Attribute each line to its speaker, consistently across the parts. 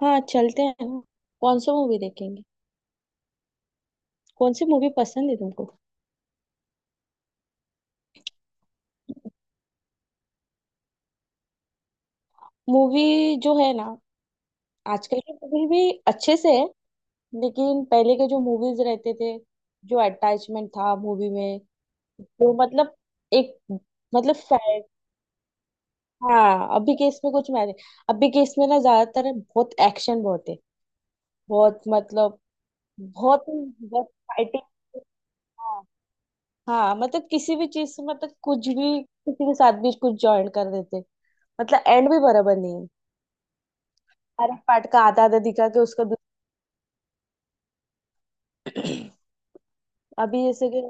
Speaker 1: हाँ चलते हैं ना। कौन सा मूवी देखेंगे? कौन सी मूवी पसंद है तुमको? मूवी जो है ना। आजकल की मूवी भी अच्छे से है। लेकिन पहले के जो मूवीज रहते थे, जो अटैचमेंट था मूवी में वो मतलब एक मतलब हाँ, अभी के इसमें कुछ मैंने अभी के इसमें ना ज्यादातर बहुत एक्शन बहुत है। बहुत मतलब बहुत बहुत फाइटिंग। हाँ मतलब किसी भी चीज से मतलब कुछ भी किसी के साथ भी कुछ ज्वाइन कर देते। मतलब एंड भी बराबर नहीं है। हर एक पार्ट का आधा आधा दिखा के अभी जैसे कि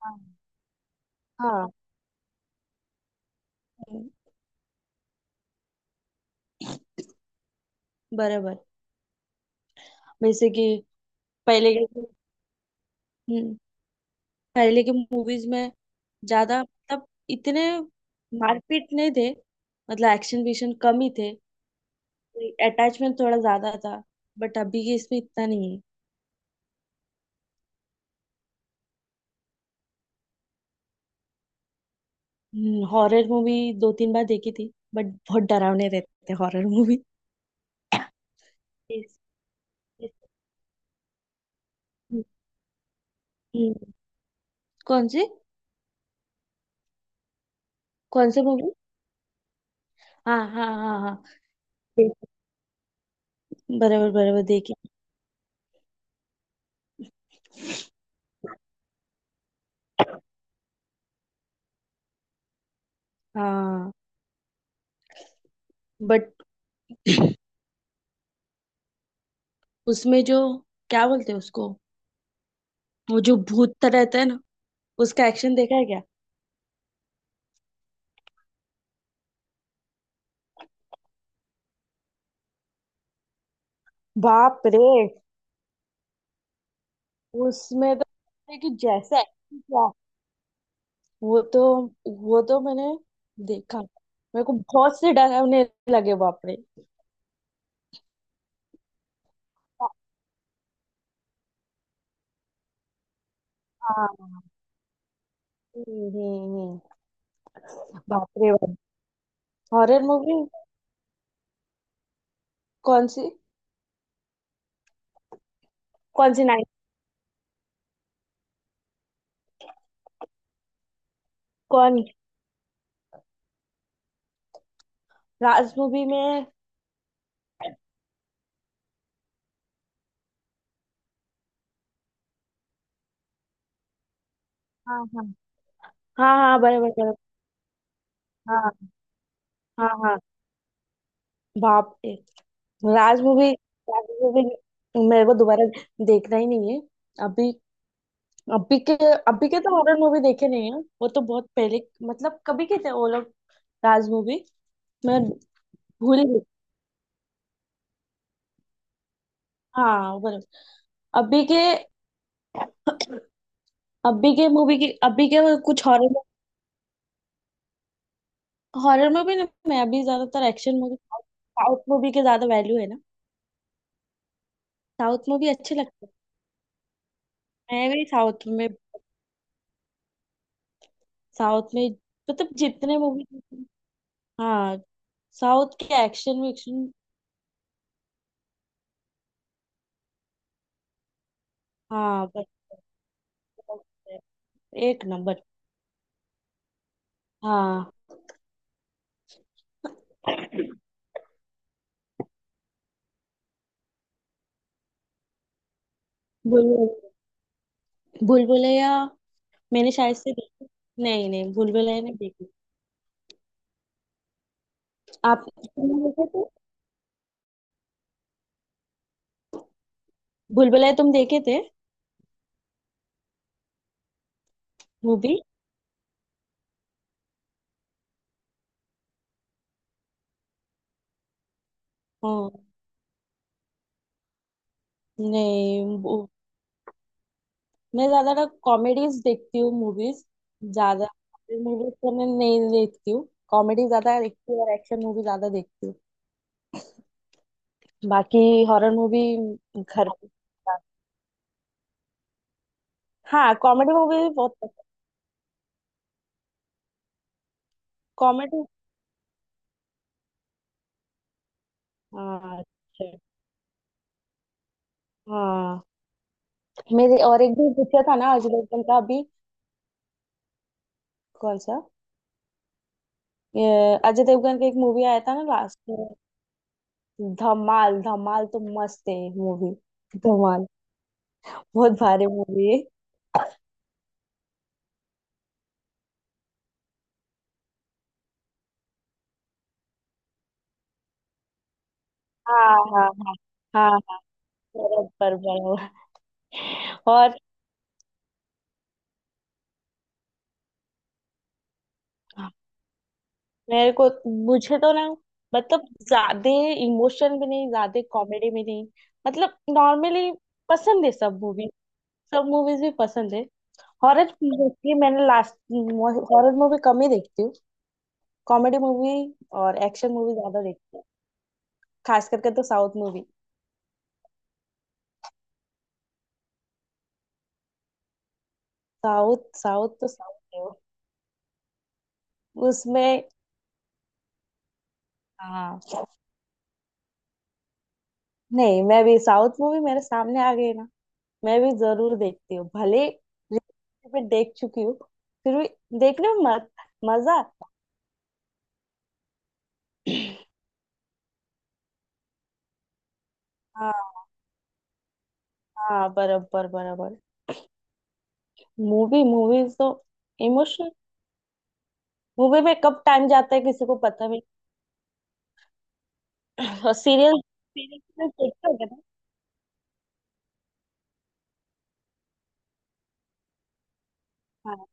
Speaker 1: हाँ हाँ हम्म, बराबर। जैसे कि पहले के। हम्म, पहले के मूवीज में ज्यादा मतलब इतने मारपीट नहीं थे। मतलब एक्शन विक्शन कम ही थे। अटैचमेंट थोड़ा ज्यादा था। बट अभी के इसमें इतना नहीं। है हॉरर मूवी। 2-3 बार देखी थी बट बहुत डरावने रहते हैं हॉरर मूवी। हम्म, कौन सी? कौन सी मूवी? हाँ हाँ हाँ हाँ, देखी। बराबर बराबर देखी। हाँ। बट उसमें जो क्या बोलते हैं उसको, वो जो भूत तरह रहता है ना, उसका एक्शन देखा है क्या? बाप रे। उसमें तो लगता है कि जैसा action किया, वो तो वो तो मैंने देखा, मेरे को बहुत से डरावने लगे। बाप रे। हाँ हम्म हम्म, बाप रे बाप। हॉरर मूवी कौन सी? कौन सी नाइट? कौन? राज मूवी में हाँ हाँ हाँ हाँ, बराबर बराबर। हाँ हाँ हाँ। बाप रे। राज मूवी। राज मूवी। मेरे को दोबारा देखना ही नहीं है। अभी अभी के अभी के तो हॉरर मूवी देखे नहीं है, वो तो बहुत पहले मतलब कभी के थे वो लोग। राज मूवी। मैं भूल ही गई। हाँ बराबर। अभी के अभी के मूवी की अभी के कुछ हॉरर। हॉरर मूवी ना मैं अभी ज्यादातर एक्शन मूवी साउथ मूवी के ज्यादा वैल्यू है ना। साउथ मूवी अच्छे लगते हैं। मैं गई साउथ में। साउथ में मतलब जितने मूवी हाँ साउथ के एक्शन विक्शन हाँ एक नंबर। हाँ। बुलबुल बुलबुलैया मैंने शायद से देखी। नहीं नहीं, बुलबुलैया नहीं देखी। आप तुमने देखे थे? बुलबुलैया तुम देखे थे? मूवी। हाँ। नहीं वो- मैं ज्यादातर कॉमेडीज देखती हूँ मूवीज। ज्यादा मूवीज तो मैं नहीं देखती हूँ, कॉमेडी ज्यादा देखती हूँ और एक्शन मूवी ज्यादा देखती हूँ। बाकी हॉरर मूवी घर पे- हाँ कॉमेडी मूवी भी बहुत पसंद। कॉमेडी। हाँ अच्छा। हाँ। मेरे और एक भी पूछा था ना अजय देवगन का अभी। कौन सा? ये अजय देवगन का एक मूवी आया था ना लास्ट में। धमाल, धमाल तो मस्त है मूवी। धमाल। बहुत भारी मूवी है। हाँ हाँ हाँ हाँ हाँ, शरद पर बड़ा हुआ। और मेरे को मुझे तो ना मतलब ज्यादा इमोशन भी नहीं ज्यादा कॉमेडी भी नहीं, मतलब नॉर्मली पसंद है सब मूवी। सब मूवीज भी पसंद है। हॉरर मोस्टली मैंने लास्ट हॉरर मूवी कम ही देखती हूँ। कॉमेडी मूवी और एक्शन मूवी ज्यादा देखती हूँ। खास करके तो साउथ मूवी। साउथ साउथ तो साउथ है वो। उसमें हाँ। नहीं, मैं भी साउथ मूवी मेरे सामने आ गई ना मैं भी जरूर देखती हूँ, भले रिपीट पे देख चुकी हूँ। फिर भी देखने में मत, मजा। हाँ हाँ, बराबर बराबर। मूवी मूवीज तो इमोशनल मूवी में कब टाइम जाता है किसी को पता भी नहीं। और सीरियल सीरीज में देखते हो ना। हाँ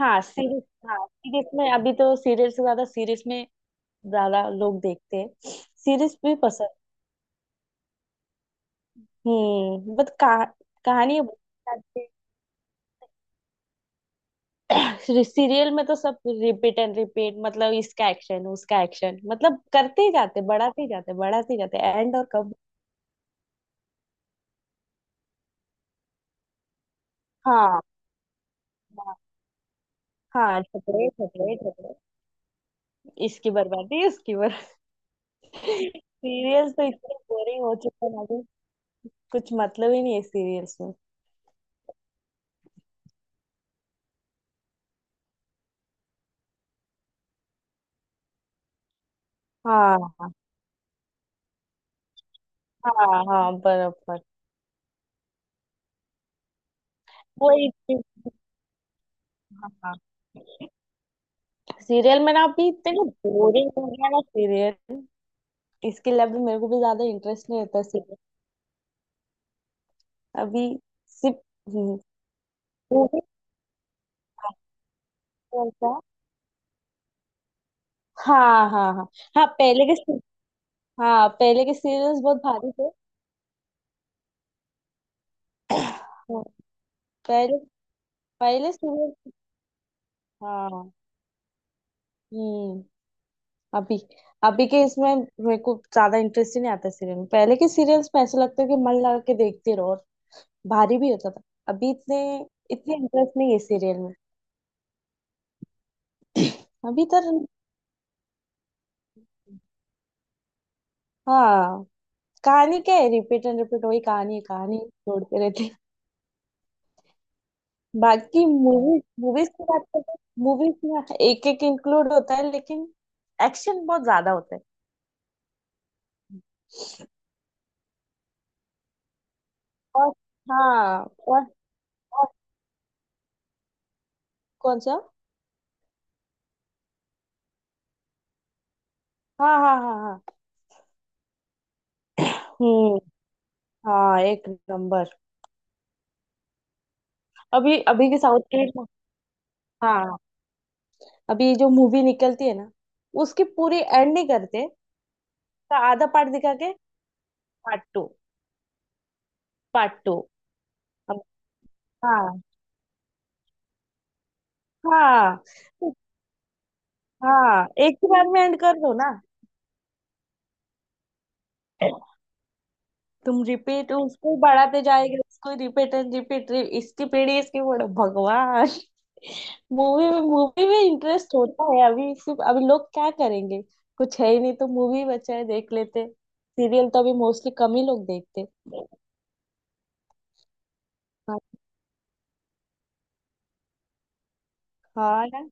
Speaker 1: हाँ सीरीज। हाँ सीरीज में अभी तो सीरियल से ज्यादा सीरीज में ज्यादा लोग देखते हैं। सीरीज भी पसंद। बट कहानी। सीरियल में तो सब रिपीट एंड रिपीट मतलब इसका एक्शन उसका एक्शन मतलब करते ही जाते बढ़ाते ही जाते बढ़ाते ही जाते एंड और कब। हाँ हाँ हाँ, झगड़े झगड़े झगड़े इसकी बर्बादी उसकी बर्बादी। सीरियल्स तो इतने बोरिंग हो चुके हैं अभी। कुछ मतलब ही नहीं है सीरियल्स में। हाँ हाँ हाँ हाँ, बराबर। वही चीज़, हाँ हाँ। सीरियल में ना अभी इतने बोरिंग हो गया ना सीरियल। इसके लिए अभी मेरे को भी ज्यादा इंटरेस्ट नहीं होता। अभी सिर्फ हम्म, वो भी भारी होता। हाँ हाँ हाँ हाँ पहले के से- हाँ पहले के सीरियल्स बहुत भारी थे। हाँ, पहले पहले सीरियल हाँ हम्म। अभी अभी के इसमें मेरे को ज्यादा इंटरेस्ट ही नहीं आता सीरियल में। पहले के सीरियल्स में ऐसा लगता है कि मन लगा के देखते रहो और भारी भी होता था। अभी इतने इतने इंटरेस्ट नहीं है सीरियल में। अभी तो हाँ कहानी क्या है? रिपीट एंड रिपीट वही कहानी है। कहानी छोड़ते रहते। बाकी मूवीज मूवीज की बात करते हैं। मूवीज में एक एक इंक्लूड होता है लेकिन एक्शन बहुत ज्यादा होता है। और हाँ और, और। कौन सा? हाँ हाँ हाँ हाँ हम्म। हाँ एक नंबर। अभी अभी के साउथ के हाँ अभी जो मूवी निकलती है ना उसकी पूरी एंड नहीं करते, का आधा पार्ट दिखा के पार्ट 2। पार्ट 2। हाँ हाँ, हाँ एक ही बार में एंड कर दो ना। तुम रिपीट उसको बढ़ाते जाएगा उसको रिपीट एंड रिपीट। इसकी पीढ़ी इसकी बड़ो भगवान। मूवी में इंटरेस्ट होता है अभी सिर्फ। अभी लोग क्या करेंगे? कुछ है ही नहीं तो मूवी बचा है देख लेते। सीरियल तो अभी मोस्टली कम ही लोग देखते। हाँ हाँ ना।